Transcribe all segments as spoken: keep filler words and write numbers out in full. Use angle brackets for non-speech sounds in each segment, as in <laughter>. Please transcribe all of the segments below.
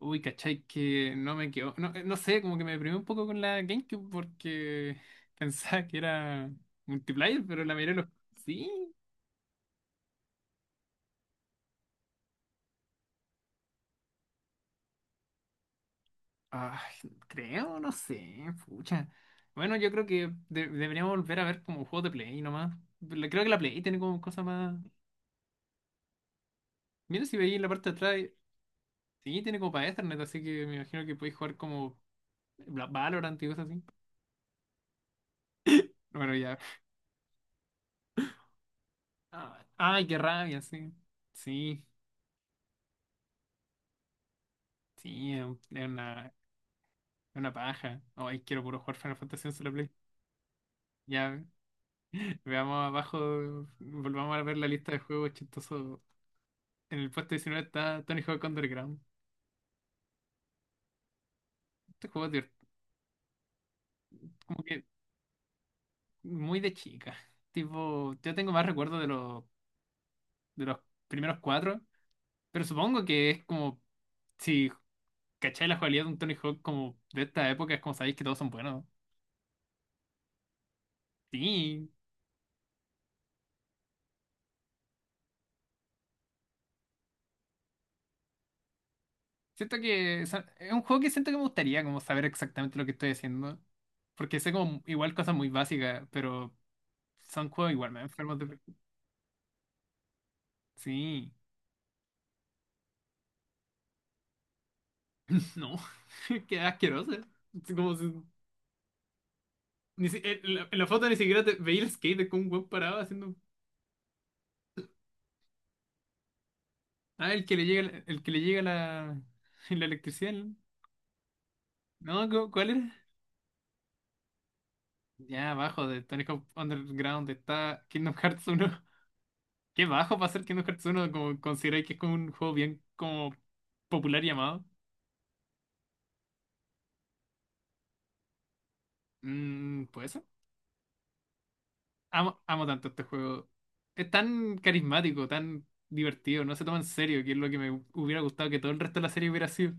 Uy, cachai, que no me quedó. No, eh, no sé, como que me deprimí un poco con la GameCube porque <laughs> pensaba que era multiplayer, pero la mayoría de los. Sí, ah, creo, no sé, pucha. Bueno, yo creo que de- deberíamos volver a ver como juegos de Play nomás. Le- Creo que la Play tiene como cosas más. Mira si veis en la parte de atrás. Sí, tiene como para Ethernet, así que me imagino que podéis jugar como Bla- Valorant y cosas así. Bueno, ya. Ah, ay, qué rabia, sí. Sí, sí, es una, Una paja. Ay, quiero puro jugar Final Fantasy once en la Play. Ya, <laughs> veamos abajo, volvamos a ver la lista de juegos chistosos. En el puesto diecinueve está Tony Hawk Underground. Este juego es divert- como que muy de chica. Tipo, yo tengo más recuerdos de los, de los primeros cuatro, pero supongo que es como, si cacháis la jugabilidad de un Tony Hawk como de esta época, es como sabéis que todos son buenos. Sí, siento que es es un juego que siento que me gustaría como saber exactamente lo que estoy haciendo. Porque sé como igual cosas muy básicas, pero son juegos igual me enfermos de. Sí. <laughs> No. <laughs> Qué asqueroso. Es como si- ni si- eh, En la, en la foto ni siquiera te veía el skate con un weón parado haciendo. Ah, el que le llega, la- el que le llega la, <laughs> la electricidad. No, no, ¿cu- ¿cuál era? Ya, abajo de Tony Hawk Underground está Kingdom Hearts uno. <laughs> Qué bajo para ser Kingdom Hearts uno, como consideráis que es como un juego bien como popular llamado. Mmm, Amo, amo tanto este juego. Es tan carismático, tan divertido, no se toma en serio, que es lo que me hubiera gustado que todo el resto de la serie hubiera sido.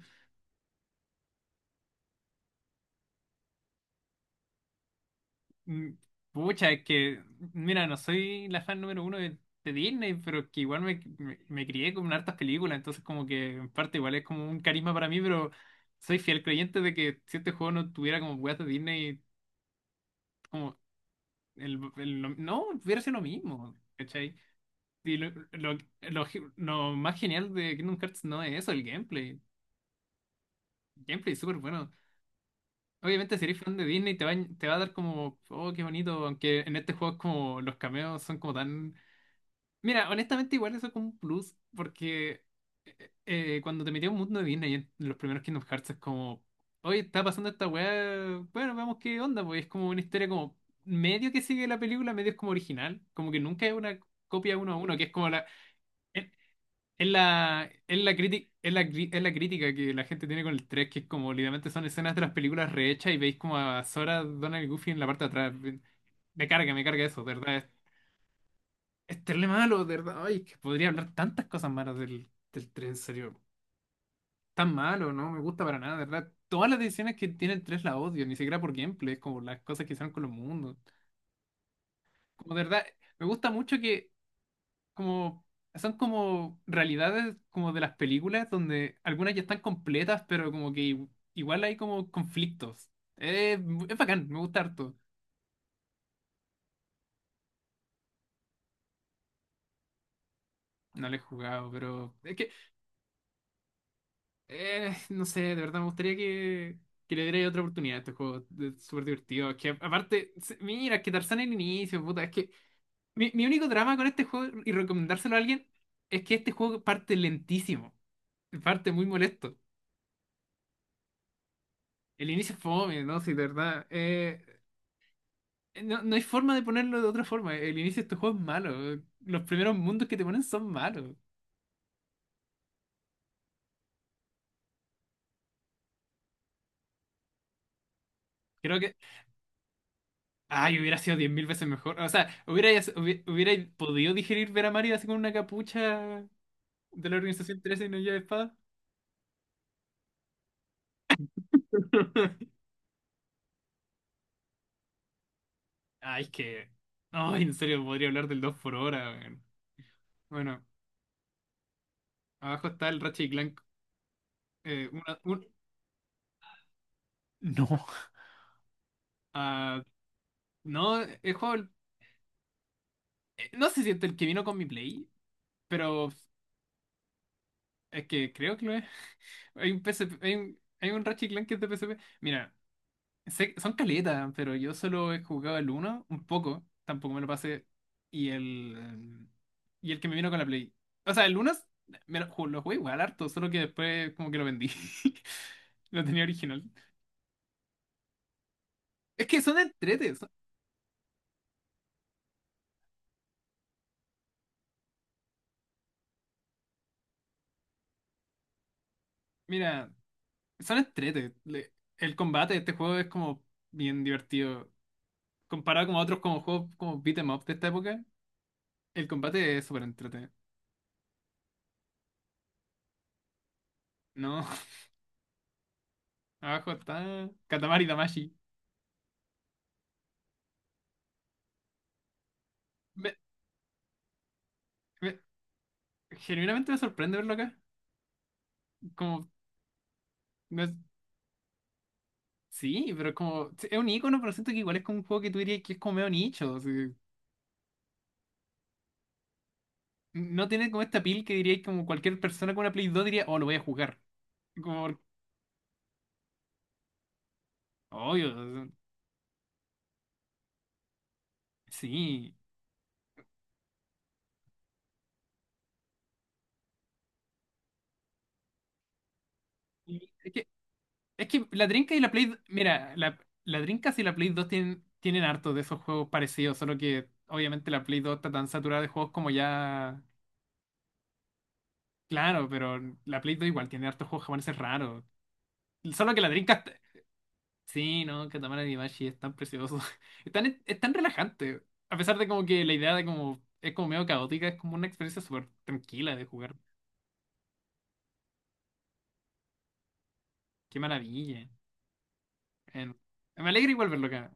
Mm, Pucha, es que, mira, no soy la fan número uno de, de Disney, pero es que igual me, me, me crié con hartas películas, entonces como que en parte igual es como un carisma para mí, pero soy fiel creyente de que si este juego no tuviera como weas de Disney, como el, el- lo- no, hubiera sido lo mismo, ¿cachai? Y lo, lo, lo, lo más genial de Kingdom Hearts no es eso, el gameplay. Gameplay súper bueno. Obviamente, si eres fan de Disney, te va, a- te va a dar como, oh, qué bonito. Aunque en este juego es como los cameos son como tan. Mira, honestamente, igual eso es como un plus, porque eh, cuando te metí a un mundo de Disney en los primeros Kingdom Hearts es como, oye, está pasando esta weá, bueno, vamos qué onda, pues es como una historia como medio que sigue la película, medio es como original, como que nunca es una copia uno a uno, que es como la. Es la, es la, criti- es la, cri- es la crítica que la gente tiene con el tres, que es como literalmente son escenas de las películas rehechas y veis como a Sora, Donald y Goofy en la parte de atrás. Me carga, me carga eso, de verdad. Es, es terrible malo, de verdad. Ay, que podría hablar tantas cosas malas del, del tres, en serio. Tan malo, no me gusta para nada, de verdad. Todas las decisiones que tiene el tres la odio, ni siquiera por gameplay, es como las cosas que hicieron con los mundos. Como de verdad, me gusta mucho que como son como realidades como de las películas donde algunas ya están completas, pero como que i- igual hay como conflictos. Eh, mu- es bacán, me gusta harto. No lo he jugado, pero es que eh, no sé, de verdad me gustaría que, que le diera otra oportunidad a este juego. Es súper divertido. Es que aparte, se- mira, es que Tarzán en el inicio, puta, es que mi, mi único drama con este juego y recomendárselo a alguien es que este juego parte lentísimo, parte muy molesto. El inicio es fome, ¿no? Sí, de verdad. Eh, No, no hay forma de ponerlo de otra forma. El inicio de este juego es malo. Los primeros mundos que te ponen son malos. Creo que. Ay, hubiera sido diez mil veces mejor. O sea, hubiera hubi- hubierais podido digerir ver a Mario así con una capucha de la organización trece y no lleva espada. <laughs> Ay, es que. Ay, en serio, podría hablar del dos por hora, weón. Bueno, abajo está el Ratchet y Clank. eh, una- un- No. Ah, no, el juego. eh, No se siente el que vino con mi Play, pero es que creo que lo es. Hay un P S P, hay un, hay un Ratchet Clank que es de P S P. Mira, sé- son caletas, pero yo solo he jugado el uno un poco, tampoco me lo pasé. Y el, em, y el que me vino con la Play. O sea, el uno es- me lo, ju- lo jugué igual harto, solo que después como que lo vendí. <laughs> Lo tenía original. Es que son entretes. son- Mira, son entretes. Le- el combate de este juego es como bien divertido. Comparado con otros como juegos como beat 'em up de esta época, el combate es súper entretenido. No. Abajo está Katamari Damashi. Me- me- genuinamente me sorprende verlo acá. Como, no es- sí, pero como, sí, es un icono, pero siento que igual es como un juego que tú dirías que es como medio nicho. O sea, no tiene como esta pil que dirías como cualquier persona con una Play dos diría, oh, lo voy a jugar. Como, obvio, o sea, sí. Y Es que, es que la Drinka y la Play, mira, la, la Dreamcast y la Play dos tienen, tienen harto de esos juegos parecidos, solo que obviamente la Play dos está tan saturada de juegos como ya. Claro, pero la Play dos igual tiene harto juego japonés es raro. Solo que la Dreamcast. Sí, no, Katamari Damacy es tan precioso. <laughs> Es tan, es tan relajante. A pesar de como que la idea de como es como medio caótica, es como una experiencia súper tranquila de jugar. Qué maravilla. En- me alegra igual verlo, acá.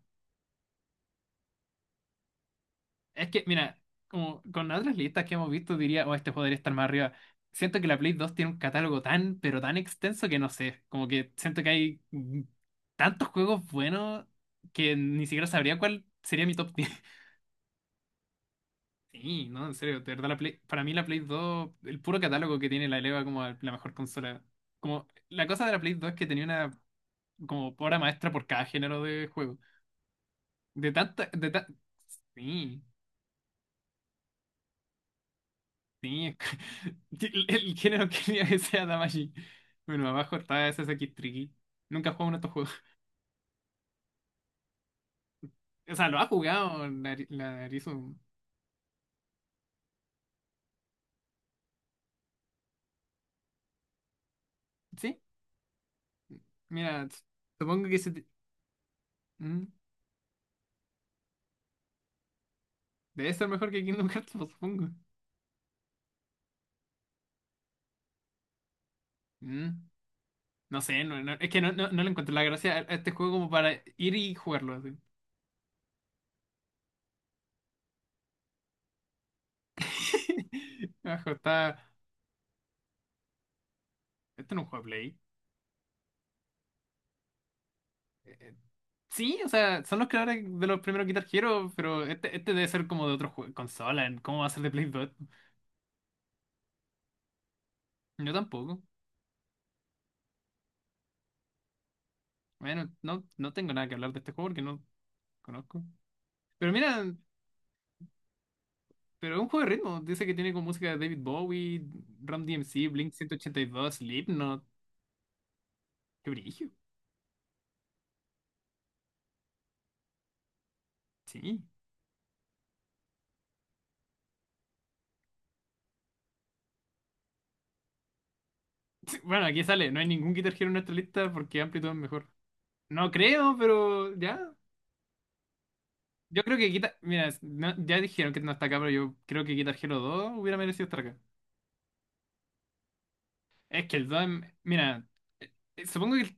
Es que, mira, como con las otras listas que hemos visto, diría, oh, este podría estar más arriba. Siento que la Play dos tiene un catálogo tan, pero tan extenso que no sé. Como que siento que hay mm, tantos juegos buenos que ni siquiera sabría cuál sería mi top diez. <laughs> Sí, no, en serio, de verdad, la Play- para mí la Play dos, el puro catálogo que tiene la eleva como a la mejor consola. Como, la cosa de la Play dos es que tenía una como obra maestra por cada género de juego. De tanta, de ta- sí. Sí, es que- <laughs> el, el género quería que sea Damacy. Bueno, abajo está ese Sasaki Tricky. Nunca jugó uno de estos juegos. <laughs> O sea, lo ha jugado Nari- la Narizu. Sí, mira, s- supongo que se te- mm, debe ser mejor que Kingdom Hearts, pues, supongo. Mm, No sé, no, no- es que no, no, no le encuentro la gracia a a este juego como para ir y jugarlo así. <laughs> Abajo está. Este no es un juego de Play. Eh, eh, Sí, o sea, son los creadores de los primeros Guitar Hero, pero este, este debe ser como de otro jue- consola. ¿Cómo va a ser de Play dos? Yo tampoco. Bueno, no, no tengo nada que hablar de este juego porque no conozco. Pero mira, pero es un juego de ritmo. Dice que tiene como música de David Bowie, Ram D M C, Blink ciento ochenta y dos, Slipknot. Qué brillo. Sí. <laughs> Bueno, aquí sale. No hay ningún Guitar Hero en nuestra lista porque Amplitude es mejor. No creo, pero ya. Yo creo que Guitar. Mira, no- ya dijeron que no está acá, pero yo creo que Guitar Hero dos hubiera merecido estar acá. Es que el dos es- mira, eh, supongo que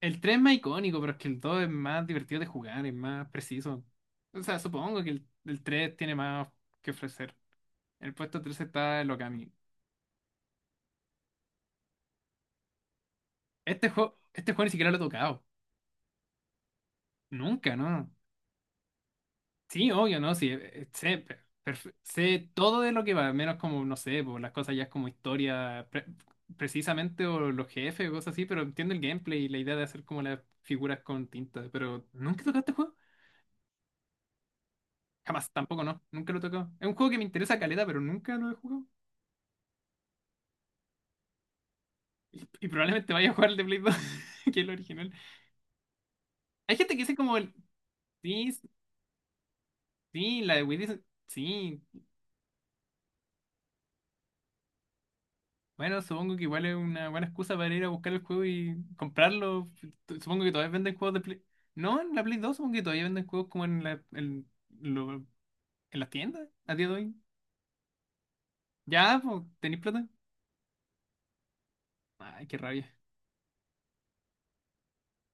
el tres es más icónico, pero es que el dos es más divertido de jugar, es más preciso. O sea, supongo que el, el tres tiene más que ofrecer. En el puesto tres está el Okami. Este juego, este juego ni siquiera lo he tocado. Nunca, ¿no? Sí, obvio, ¿no? Sí, eh, eh, sé, per- perfe- sé todo de lo que va, menos como, no sé, por las cosas ya es como historia pre- precisamente, o los jefes o cosas así, pero entiendo el gameplay y la idea de hacer como las figuras con tinta. Pero nunca he tocado este juego. Jamás, tampoco no, nunca lo he tocado. Es un juego que me interesa caleta, pero nunca lo he jugado. Y probablemente vaya a jugar el de Play dos, <laughs> que es el original. Hay gente que dice como el. Sí, sí, la de Wii dice. Sí. Bueno, supongo que igual es una buena excusa para ir a buscar el juego y comprarlo. Tu- Supongo que todavía venden juegos de Play. No, en la Play dos supongo que todavía venden juegos como en la, en, lo- en las tiendas a día de hoy. Ya, pues, ¿tenéis plata? Ay, qué rabia.